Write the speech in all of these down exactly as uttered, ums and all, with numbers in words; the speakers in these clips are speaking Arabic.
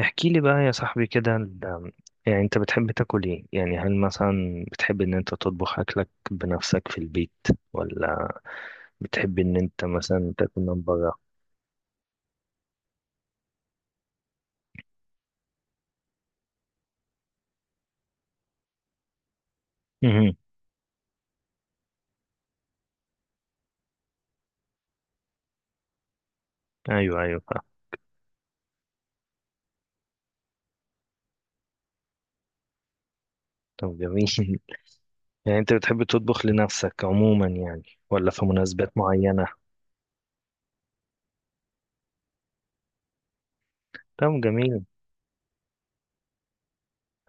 احكي لي بقى يا صاحبي كده ال- يعني انت بتحب تاكل ايه؟ يعني هل مثلا بتحب ان انت تطبخ اكلك بنفسك في البيت ولا بتحب ان انت مثلا تاكل من بره؟ مهم. ايوه ايوه فاهم. طب جميل يعني انت بتحب تطبخ لنفسك عموما يعني ولا في مناسبات معينة؟ طب جميل.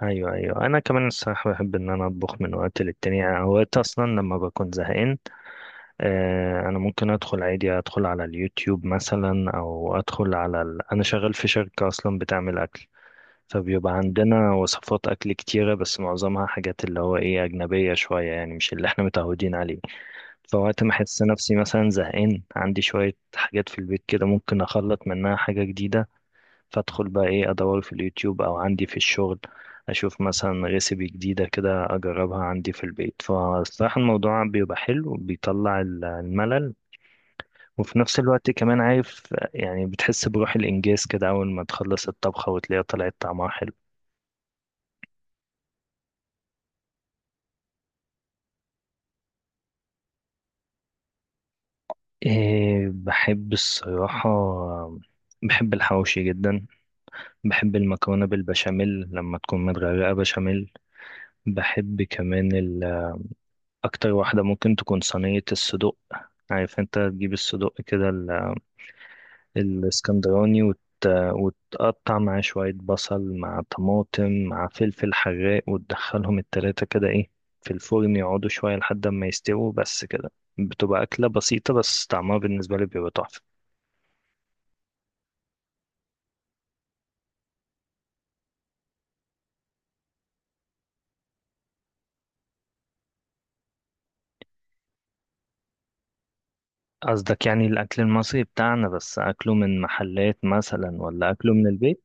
ايوه ايوه، انا كمان الصراحة بحب ان انا اطبخ من وقت للتاني، يعني اوقات اصلا لما بكون زهقان. آه، انا ممكن ادخل عادي، ادخل على اليوتيوب مثلا او ادخل على ال... انا شغال في شركة اصلا بتعمل اكل، فبيبقى عندنا وصفات اكل كتيرة بس معظمها حاجات اللي هو ايه اجنبية شوية يعني مش اللي احنا متعودين عليه. فوقت ما احس نفسي مثلا زهقان عندي شوية حاجات في البيت كده ممكن اخلط منها حاجة جديدة، فادخل بقى ايه ادور في اليوتيوب او عندي في الشغل، اشوف مثلا ريسيبي جديدة كده اجربها عندي في البيت. فصراحة الموضوع بيبقى حلو، بيطلع الملل، وفي نفس الوقت كمان عارف يعني بتحس بروح الإنجاز كده أول ما تخلص الطبخة وتلاقيها طلعت طعمها حلو. إيه بحب الصراحة، بحب الحواوشي جدا، بحب المكرونة بالبشاميل لما تكون متغرقة بشاميل. بحب كمان ال- أكتر واحدة ممكن تكون صينية الصدوق، عارف أنت تجيب الصدوق كده الاسكندراني وت... وتقطع معاه شوية بصل مع طماطم مع فلفل حراق وتدخلهم التلاتة كده ايه في الفرن، يقعدوا شوية لحد ما يستووا، بس كده. بتبقى أكلة بسيطة بس طعمها بالنسبة لي بيبقى تحفة. قصدك يعني الأكل المصري بتاعنا بس أكله من محلات مثلا ولا أكله من البيت؟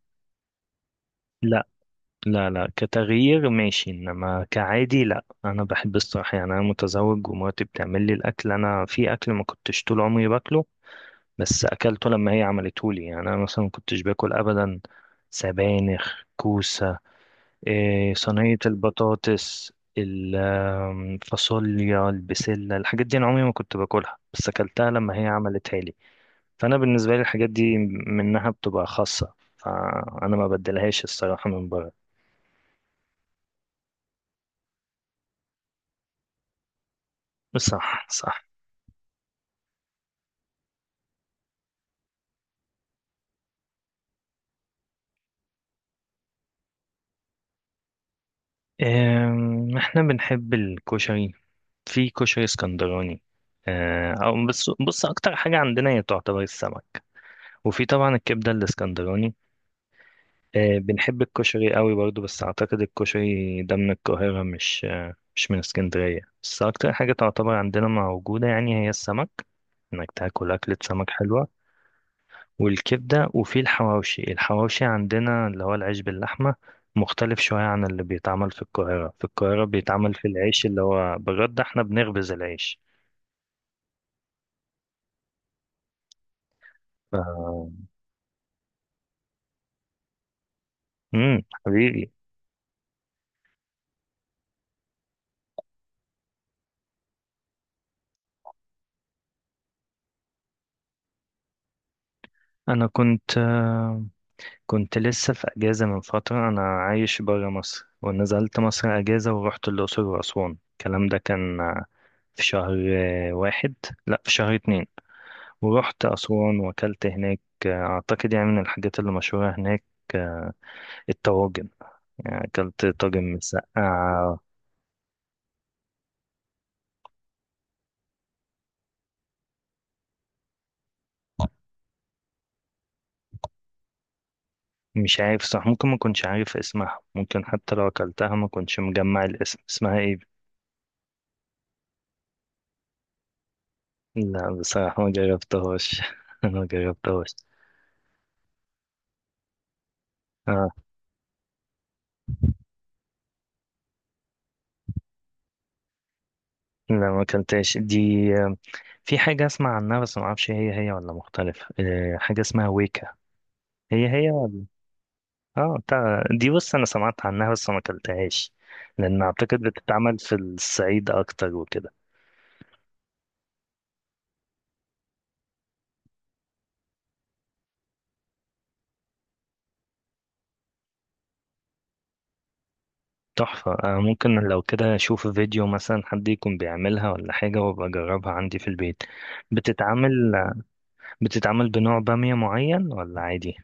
لا لا لا، كتغيير ماشي، إنما كعادي لا. أنا بحب الصراحة يعني أنا متزوج ومراتي بتعمل لي الأكل. أنا في أكل ما كنتش طول عمري باكله بس اكلته لما هي عملته لي. يعني انا مثلا ما كنتش باكل ابدا سبانخ، كوسه، إيه، صينيه البطاطس، الفاصوليا، البسله، الحاجات دي انا عمري ما كنت باكلها بس اكلتها لما هي عملتها لي. فانا بالنسبه لي الحاجات دي منها بتبقى خاصه، فانا ما بدلهاش الصراحه من بره. صح صح. إيه احنا بنحب الكشري، في كشري اسكندراني. آه، او بس بص اكتر حاجه عندنا هي تعتبر السمك، وفي طبعا الكبدة الاسكندراني. آه، بنحب الكشري قوي برضو بس اعتقد الكشري ده من القاهرة، مش آه، مش من اسكندرية، بس اكتر حاجة تعتبر عندنا موجودة يعني هي السمك، انك تاكل اكلة سمك حلوة. والكبدة، وفي الحواوشي. الحواوشي عندنا اللي هو العيش باللحمة مختلف شوية عن اللي بيتعمل في القاهرة. في القاهرة بيتعمل في العيش، اللي هو بجد احنا بنخبز العيش. ف... مم، حبيبي. انا كنت آه، كنت لسه في أجازة من فترة، أنا عايش برا مصر ونزلت مصر أجازة ورحت الأقصر وأسوان، الكلام ده كان آه، في شهر آه، واحد، لأ في شهر اتنين. ورحت أسوان وأكلت هناك. آه، أعتقد يعني من الحاجات اللي مشهورة هناك آه، الطواجن. يعني أكلت طاجن مسقعة. مش عارف صح، ممكن ما كنتش عارف اسمها، ممكن حتى لو أكلتها ما كنتش مجمع الاسم اسمها إيه. لا بصراحة ما جربتهاش ما جربتهاش. آه، لا ما كلتهاش دي. في حاجة اسمع عنها بس ما اعرفش هي هي ولا مختلف، آه، حاجة اسمها ويكا. هي هي. اه بتاع دي، بص انا سمعت عنها بس ما اكلتهاش لان اعتقد بتتعمل في الصعيد اكتر وكده. تحفة. آه، ممكن لو كده اشوف فيديو مثلا حد يكون بيعملها ولا حاجة وابقى اجربها عندي في البيت. بتتعمل بتتعمل بنوع بامية معين ولا عادي؟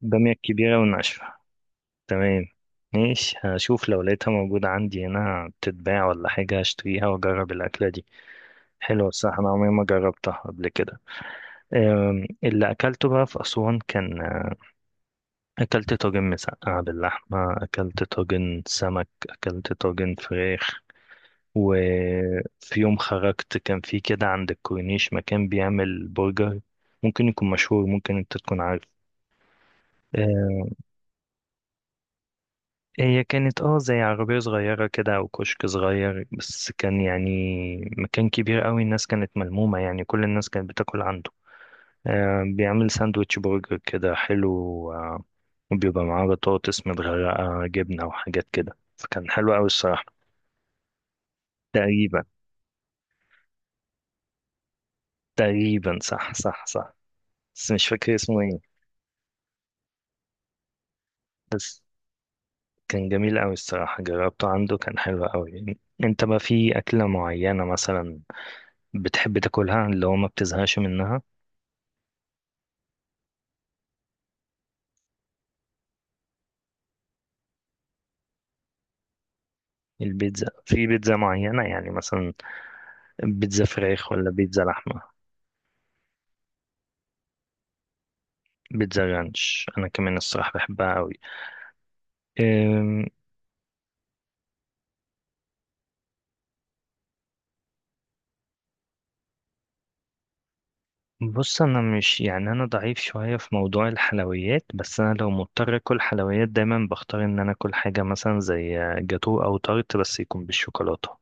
بامية كبيرة وناشفة، تمام. ماشي، هشوف لو لقيتها موجودة عندي هنا بتتباع ولا حاجة هشتريها وأجرب الأكلة دي. حلوة الصراحة، أنا عمري ما جربتها قبل كده. أم، اللي أكلته بقى في أسوان كان آه، أكلت طاجن مسقعة باللحمة، أكلت طاجن سمك، أكلت طاجن فراخ. وفي يوم خرجت كان في كده عند الكورنيش مكان بيعمل برجر، ممكن يكون مشهور ممكن أنت تكون عارف. آه، هي كانت اه زي عربية صغيرة كده أو كشك صغير، بس كان يعني مكان كبير قوي، الناس كانت ملمومة يعني، كل الناس كانت بتاكل عنده. آه بيعمل ساندوتش برجر كده حلو، آه، وبيبقى معاه بطاطس متغرقة جبنة وحاجات كده، فكان حلو قوي الصراحة. تقريبا. تقريبا صح صح صح، بس مش فاكر اسمه ايه. بس كان جميل قوي الصراحة، جربته عنده كان حلو قوي. انت بقى في أكلة معينة مثلا بتحب تاكلها اللي هو ما بتزهقش منها؟ البيتزا، في بيتزا معينة يعني مثلا بيتزا فراخ ولا بيتزا لحمة؟ بيتزا رانش أنا كمان الصراحة بحبها أوي. أم، بص أنا مش يعني أنا ضعيف شوية في موضوع الحلويات، بس أنا لو مضطر أكل حلويات دايما بختار إن أنا أكل حاجة مثلا زي جاتو أو تارت بس يكون بالشوكولاتة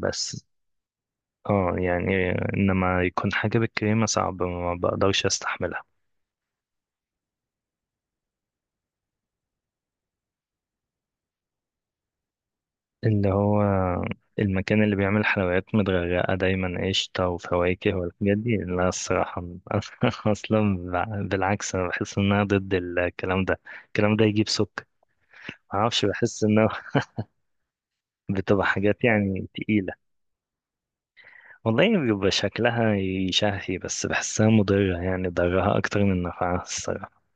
بس. اه يعني إنما يكون حاجة بالكريمة صعب ما بقدرش أستحملها. اللي هو المكان اللي بيعمل حلويات متغرقة دايما قشطة وفواكه والحاجات دي؟ لا الصراحة أنا أصلا بع- بالعكس أنا بحس إن أنا ضد الكلام ده، الكلام ده يجيب سكر. معرفش بحس إنها بتبقى حاجات يعني تقيلة. والله بيبقى شكلها يشهي بس بحسها مضرة، يعني ضرها أكتر من نفعها الصراحة.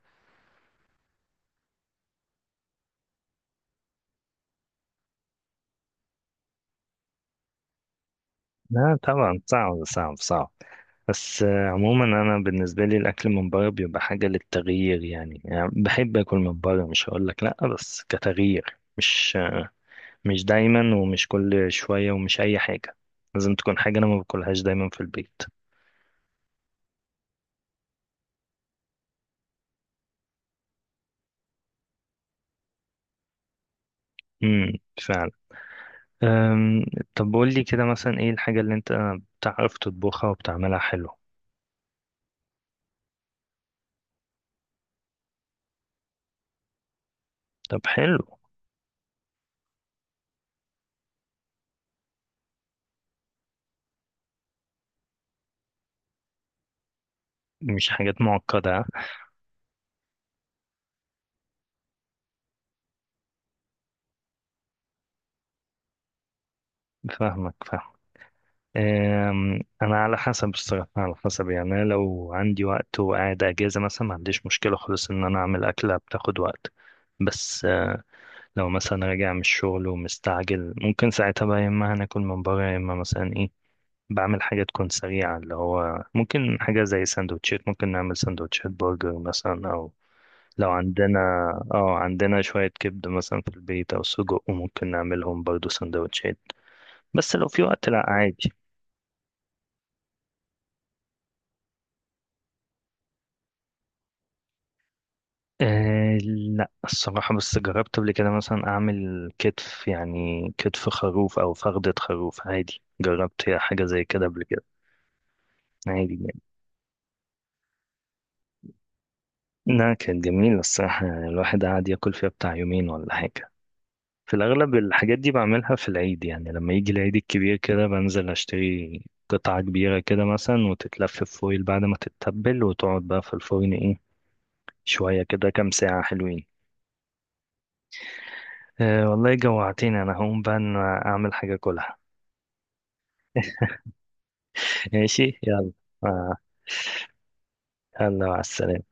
لا طبعا صعب صعب صعب. بس آه، عموما انا بالنسبه لي الاكل من بره بيبقى حاجه للتغيير يعني، يعني بحب اكل من بره مش هقول لك لا بس كتغيير، مش آه، مش دايما ومش كل شويه ومش اي حاجه، لازم تكون حاجه انا ما باكلهاش دايما في البيت. امم، فعلا. أم، طب قول لي كده مثلا ايه الحاجه اللي انت بتعرف تطبخها وبتعملها حلو؟ طب حلو. مش حاجات معقده آه. فاهمك فاهمك. أم، انا على حسب الصراحه، على حسب، يعني أنا لو عندي وقت وقاعد اجازه مثلا ما عنديش مشكله خالص ان انا اعمل اكله بتاخد وقت. بس أه، لو مثلا راجع من الشغل ومستعجل ممكن ساعتها بقى يا اما هناكل من بره يا اما مثلا ايه بعمل حاجه تكون سريعه، اللي هو ممكن حاجه زي سندوتشات، ممكن نعمل سندوتشات برجر مثلا او لو عندنا اه عندنا شويه كبده مثلا في البيت او سجق وممكن نعملهم برضو سندوتشات. بس لو في وقت لا عادي. أه لا الصراحة، بس جربت قبل كده مثلا أعمل كتف يعني كتف خروف أو فخدة خروف. عادي جربت حاجة زي كده قبل كده، عادي يعني. لا كانت جميلة الصراحة، الواحد قعد ياكل فيها بتاع يومين ولا حاجة. في الأغلب الحاجات دي بعملها في العيد، يعني لما يجي العيد الكبير كده بنزل أشتري قطعة كبيرة كده مثلا وتتلف في فويل بعد ما تتبل وتقعد بقى في الفرن إيه شوية كده كام ساعة حلوين. أه والله جوعتني أنا، هقوم بقى أنا أعمل حاجة كلها. ماشي يلا. آه. يلا مع السلامة.